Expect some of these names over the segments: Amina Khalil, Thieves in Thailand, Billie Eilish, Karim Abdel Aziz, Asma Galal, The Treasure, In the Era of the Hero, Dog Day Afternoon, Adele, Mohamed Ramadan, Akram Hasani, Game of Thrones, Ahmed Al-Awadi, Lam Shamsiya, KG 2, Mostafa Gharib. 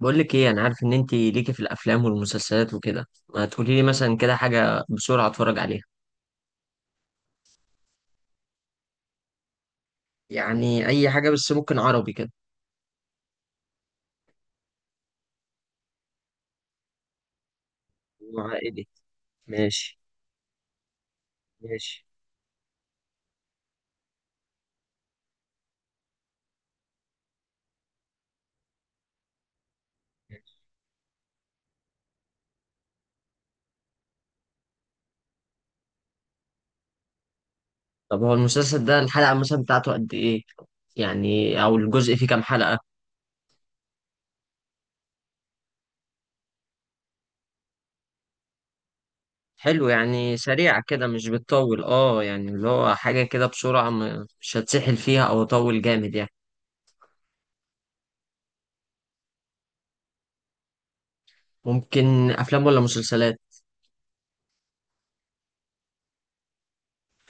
بقول لك ايه، انا عارف ان انت ليكي في الافلام والمسلسلات وكده. ما تقولي لي مثلا كده حاجه بسرعه اتفرج عليها. يعني اي حاجه، بس ممكن عربي كده. وعائلي. ماشي. ماشي. طب هو المسلسل ده الحلقه مثلا بتاعته قد ايه؟ يعني او الجزء فيه كام حلقه؟ حلو، يعني سريع كده مش بتطول. اه يعني اللي هو حاجه كده بسرعه، مش هتسحل فيها او اطول جامد يعني. ممكن افلام ولا مسلسلات؟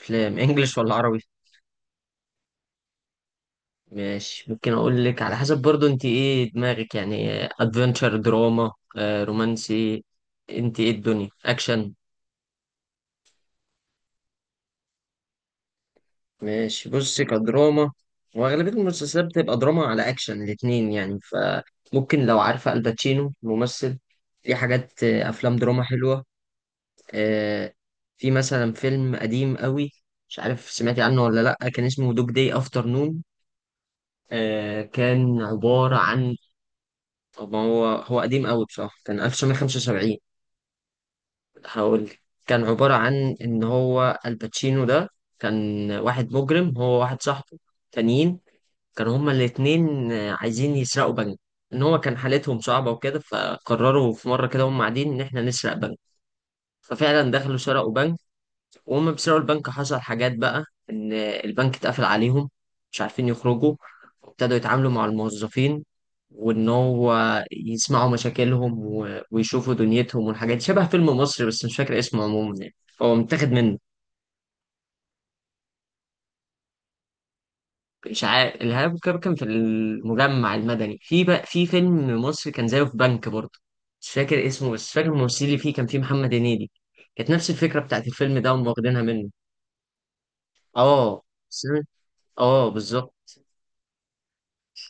افلام انجلش ولا عربي؟ ماشي. ممكن اقول لك على حسب برضو انت ايه دماغك، يعني ادفنتشر، دراما، رومانسي، انت ايه الدنيا، اكشن. ماشي، بصي كدراما. واغلبيه المسلسلات بتبقى دراما على اكشن الاتنين يعني. فممكن، لو عارفه الباتشينو ممثل، في حاجات افلام دراما حلوه. آه، في مثلا فيلم قديم قوي، مش عارف سمعتي عنه ولا لا، كان اسمه دوج داي افترنون. كان عباره عن... طب ما هو قديم قوي بصراحه، كان 1975. هقول لك. كان عبارة عن إن هو الباتشينو ده كان واحد مجرم، هو واحد صاحبه تانيين، كانوا هما الاتنين عايزين يسرقوا بنك. إن هو كان حالتهم صعبة وكده، فقرروا في مرة كده هما قاعدين إن إحنا نسرق بنك. ففعلا دخلوا سرقوا بنك. وهم بيسرقوا البنك حصل حاجات بقى، ان البنك اتقفل عليهم، مش عارفين يخرجوا، وابتدوا يتعاملوا مع الموظفين، وان هو يسمعوا مشاكلهم ويشوفوا دنيتهم والحاجات دي. شبه فيلم مصري بس مش فاكر اسمه عموما يعني، هو متاخد منه. اشعاع الارهاب. كان في المجمع المدني، في بقى في فيلم مصري كان زيه، في بنك برضه. مش فاكر اسمه بس فاكر الممثل اللي فيه، كان فيه محمد هنيدي. كانت نفس الفكره بتاعت الفيلم ده، هم واخدينها منه. اه. بس- اه بالظبط.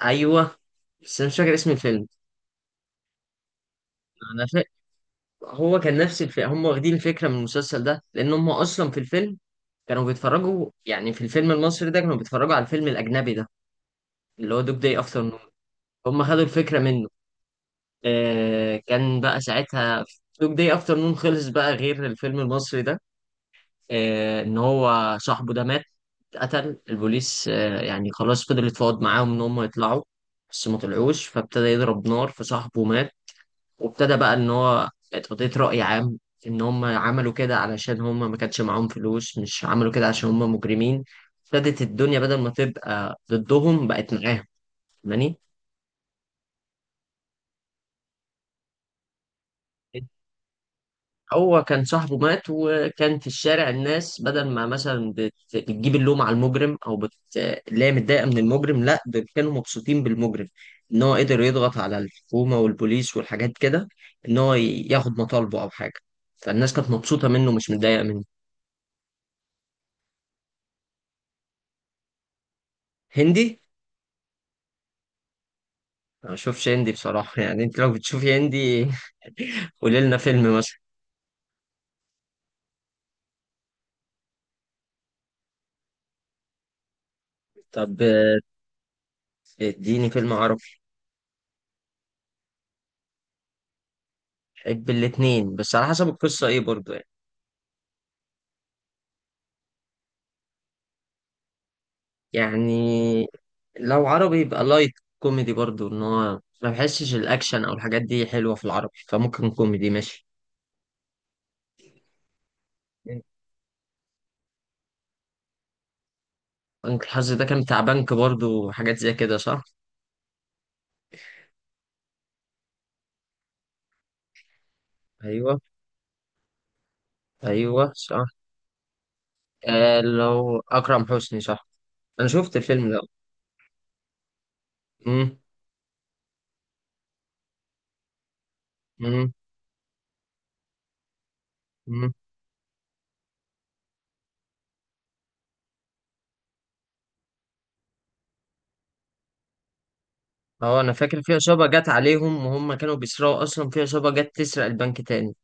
ايوه. بس انا مش فاكر اسم الفيلم. انا فاكر، هو كان نفس الفيلم، هم واخدين الفكره من المسلسل ده، لان هم اصلا في الفيلم كانوا بيتفرجوا، يعني في الفيلم المصري ده كانوا بيتفرجوا على الفيلم الاجنبي ده، اللي هو دوج داي افتر نون. هم خدوا الفكره منه. آه، كان بقى ساعتها دوج داي افتر نون خلص بقى، غير الفيلم المصري ده. آه، ان هو صاحبه ده مات، قتل البوليس. يعني خلاص، فضل يتفاوض معاهم ان هم يطلعوا، بس ما طلعوش، فابتدى يضرب نار فصاحبه مات. وابتدى بقى ان هو اتقضيت رأي عام، ان هم عملوا كده علشان هم ما كانش معاهم فلوس، مش عملوا كده عشان هم مجرمين. ابتدت الدنيا بدل ما تبقى ضدهم بقت معاهم. فاهماني؟ هو كان صاحبه مات، وكان في الشارع الناس بدل ما مثلا بتجيب اللوم على المجرم او اللي هي متضايقه من المجرم، لا دول كانوا مبسوطين بالمجرم، ان هو قدر يضغط على الحكومه والبوليس والحاجات كده، ان هو ياخد مطالبه او حاجه. فالناس كانت مبسوطه منه، مش متضايقه منه. هندي؟ ما بشوفش هندي بصراحة يعني، انت لو بتشوفي هندي قولي لنا فيلم مثلا. طب، اديني فيلم عربي. بحب الاتنين، بس على حسب القصة ايه برضو يعني. يعني لو عربي يبقى لايت كوميدي برضو، ان هو ما بحسش الاكشن او الحاجات دي حلوة في العربي، فممكن كوميدي ماشي. بنك الحظ ده كان بتاع بنك برضو، حاجات زي كده صح؟ ايوه. ايوه صح. لو اكرم حسني صح. انا شفت الفيلم ده. امم اه انا فاكر في عصابة جت عليهم، وهم كانوا بيسرقوا اصلا في عصابة جت تسرق البنك تاني،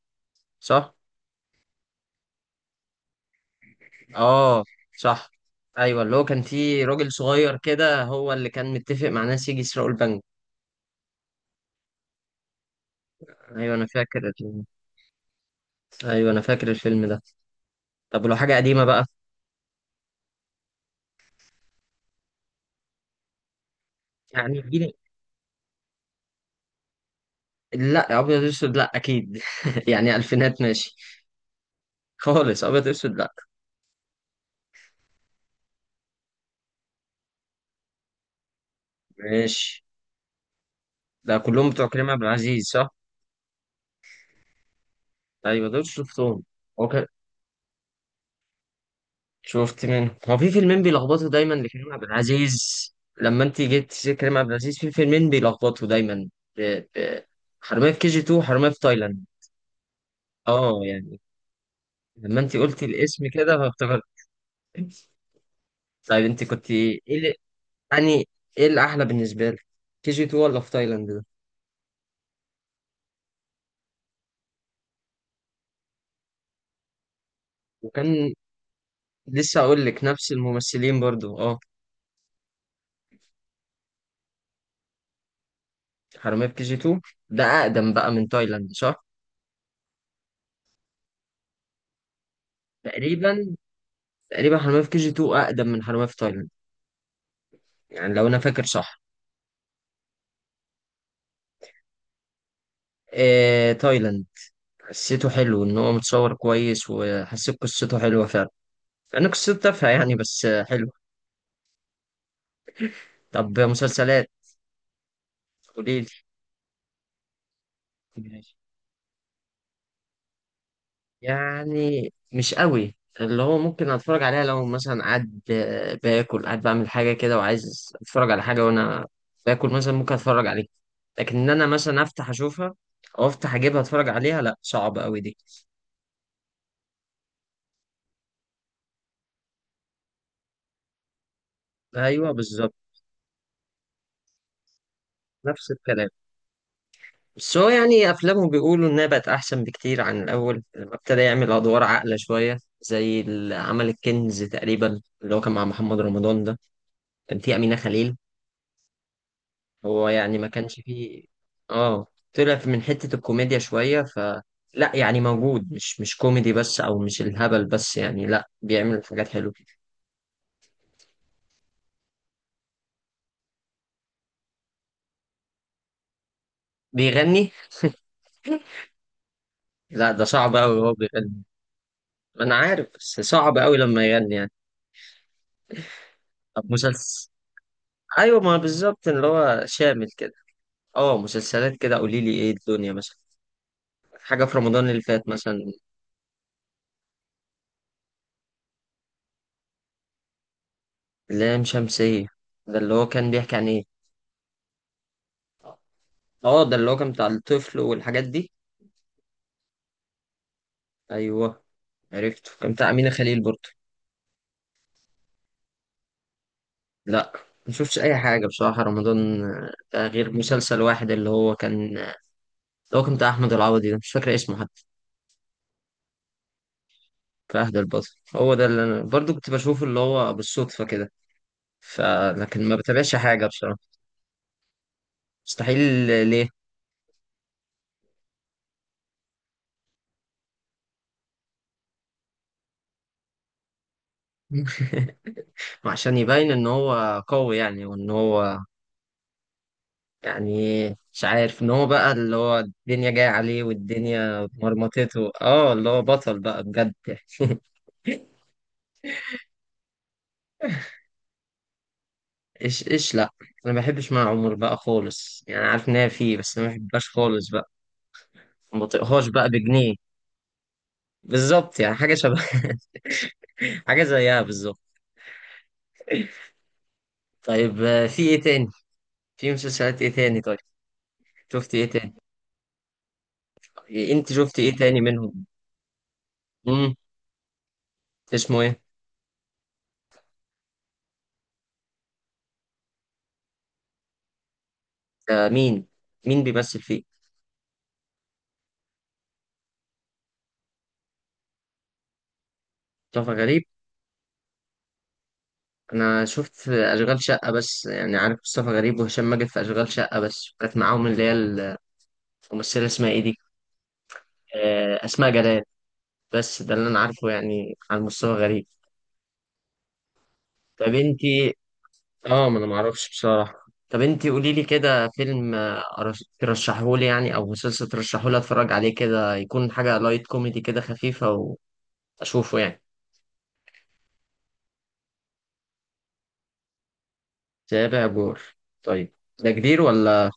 صح؟ اه. صح. ايوه اللي هو كان في راجل صغير كده هو اللي كان متفق مع ناس يجي يسرقوا البنك. ايوه انا فاكر ايوه انا فاكر الفيلم ده. طب ولو حاجة قديمة بقى؟ يعني اديني. لا ابيض اسود لا اكيد يعني الفينات ماشي. خالص ابيض اسود لا. ماشي. ده كلهم بتوع كريم عبد العزيز صح؟ ايوه دول شفتهم. هو شفت منه، هو في فيلمين بيلخبطوا دايما لكريم عبد العزيز. لما انت جيت تسير كريم عبد العزيز في فيلمين بيلخبطوا دايما. ب... ب... حرامية في كي جي 2 وحرامية في تايلاند. اه يعني، لما انت قلتي الاسم كده فافتكرت. طيب انت كنت ايه يعني ايه الاحلى بالنسبة لك، كي جي 2 ولا في تايلاند ده؟ وكان... لسه اقول لك نفس الممثلين برضو اه. حرامية في كي جي 2 ده اقدم بقى من تايلاند صح؟ تقريبا، تقريبا حرامية في كي جي 2 اقدم من حرامية في تايلاند، يعني لو انا فاكر صح. إيه تايلاند، حسيته حلو، ان هو متصور كويس وحسيت قصته حلوة فعلا. انا قصته تافهة يعني بس حلو. طب مسلسلات؟ قوليلي. ماشي. يعني مش قوي، اللي هو ممكن اتفرج عليها لو مثلا قاعد باكل، قاعد بعمل حاجة كده وعايز اتفرج على حاجة وانا باكل مثلا ممكن اتفرج عليها. لكن ان انا مثلا افتح اشوفها او افتح اجيبها اتفرج عليها، لا صعب قوي دي. ايوه بالظبط. نفس الكلام. بس هو يعني أفلامه بيقولوا إنها بقت أحسن بكتير عن الأول، لما ابتدى يعمل أدوار عاقلة شوية، زي اللي عمل الكنز تقريبا، اللي هو كان مع محمد رمضان ده، كان فيه أمينة خليل. هو يعني ما كانش فيه. آه، طلع من حتة الكوميديا شوية ف... لا يعني موجود، مش كوميدي بس، أو مش الهبل بس يعني، لا بيعمل حاجات حلوة. بيغني؟ لا ده صعب أوي هو بيغني. ما أنا عارف بس صعب أوي لما يغني يعني. طب مسلسل؟ أيوة ما بالظبط، اللي هو شامل كده. اه، مسلسلات كده قولي لي ايه الدنيا مثلا، حاجة في رمضان اللي فات مثلا. لام شمسية، ده اللي هو كان بيحكي عن ايه؟ اه ده اللي هو كان بتاع الطفل والحاجات دي. ايوه. عرفته، كان بتاع أمينة خليل برضه. لا ما شفتش اي حاجة بصراحة رمضان، ده غير مسلسل واحد اللي هو كان، اللي هو كان بتاع احمد العوضي ده مش فاكر اسمه حتى. في عهد البطل. هو ده اللي انا برضه كنت بشوفه، اللي هو بالصدفة كده. فلكن ما بتابعش حاجة بصراحة. مستحيل. ليه؟ عشان يبين ان هو قوي يعني، وان هو يعني مش عارف، ان هو بقى اللي هو الدنيا جاية عليه والدنيا مرمطته، اه اللي هو بطل بقى بجد. ايش ايش؟ لا انا ما بحبش مع عمر بقى خالص يعني، عارف ان هي فيه بس أنا ما بحبهاش خالص بقى. ما بطيقهاش بقى بجنيه. بالظبط يعني حاجة شبه حاجة زيها بالظبط. طيب، في ايه تاني؟ في مسلسلات ايه تاني طيب؟ شفت ايه تاني؟ انت شفت ايه تاني منهم؟ امم اسمه ايه؟ آه مين؟ مين بيمثل فيه؟ مصطفى غريب؟ انا شفت في اشغال شقه بس، يعني عارف مصطفى غريب وهشام ماجد في اشغال شقه، بس كانت معاهم اللي هي الممثله اسمها ايه دي، آه، اسماء جلال. بس ده اللي انا عارفه يعني عن مصطفى غريب. طب انتي... اه ما انا معرفش بصراحه، طب انتي قولي لي كده فيلم ترشحه لي يعني، او مسلسل ترشحه لي اتفرج عليه كده، يكون حاجه لايت كوميدي كده خفيفه واشوفه يعني. تابع جور؟ طيب. ده كبير ولا؟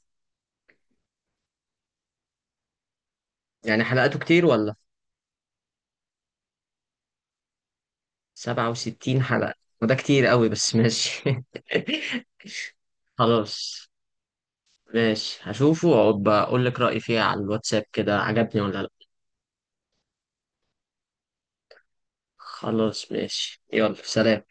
يعني حلقاته كتير ولا؟ 67 حلقة؟ وده كتير قوي بس ماشي خلاص. ماشي هشوفه وأبقى أقول لك رأيي فيها على الواتساب كده، عجبني ولا لأ. خلاص ماشي، يلا سلام.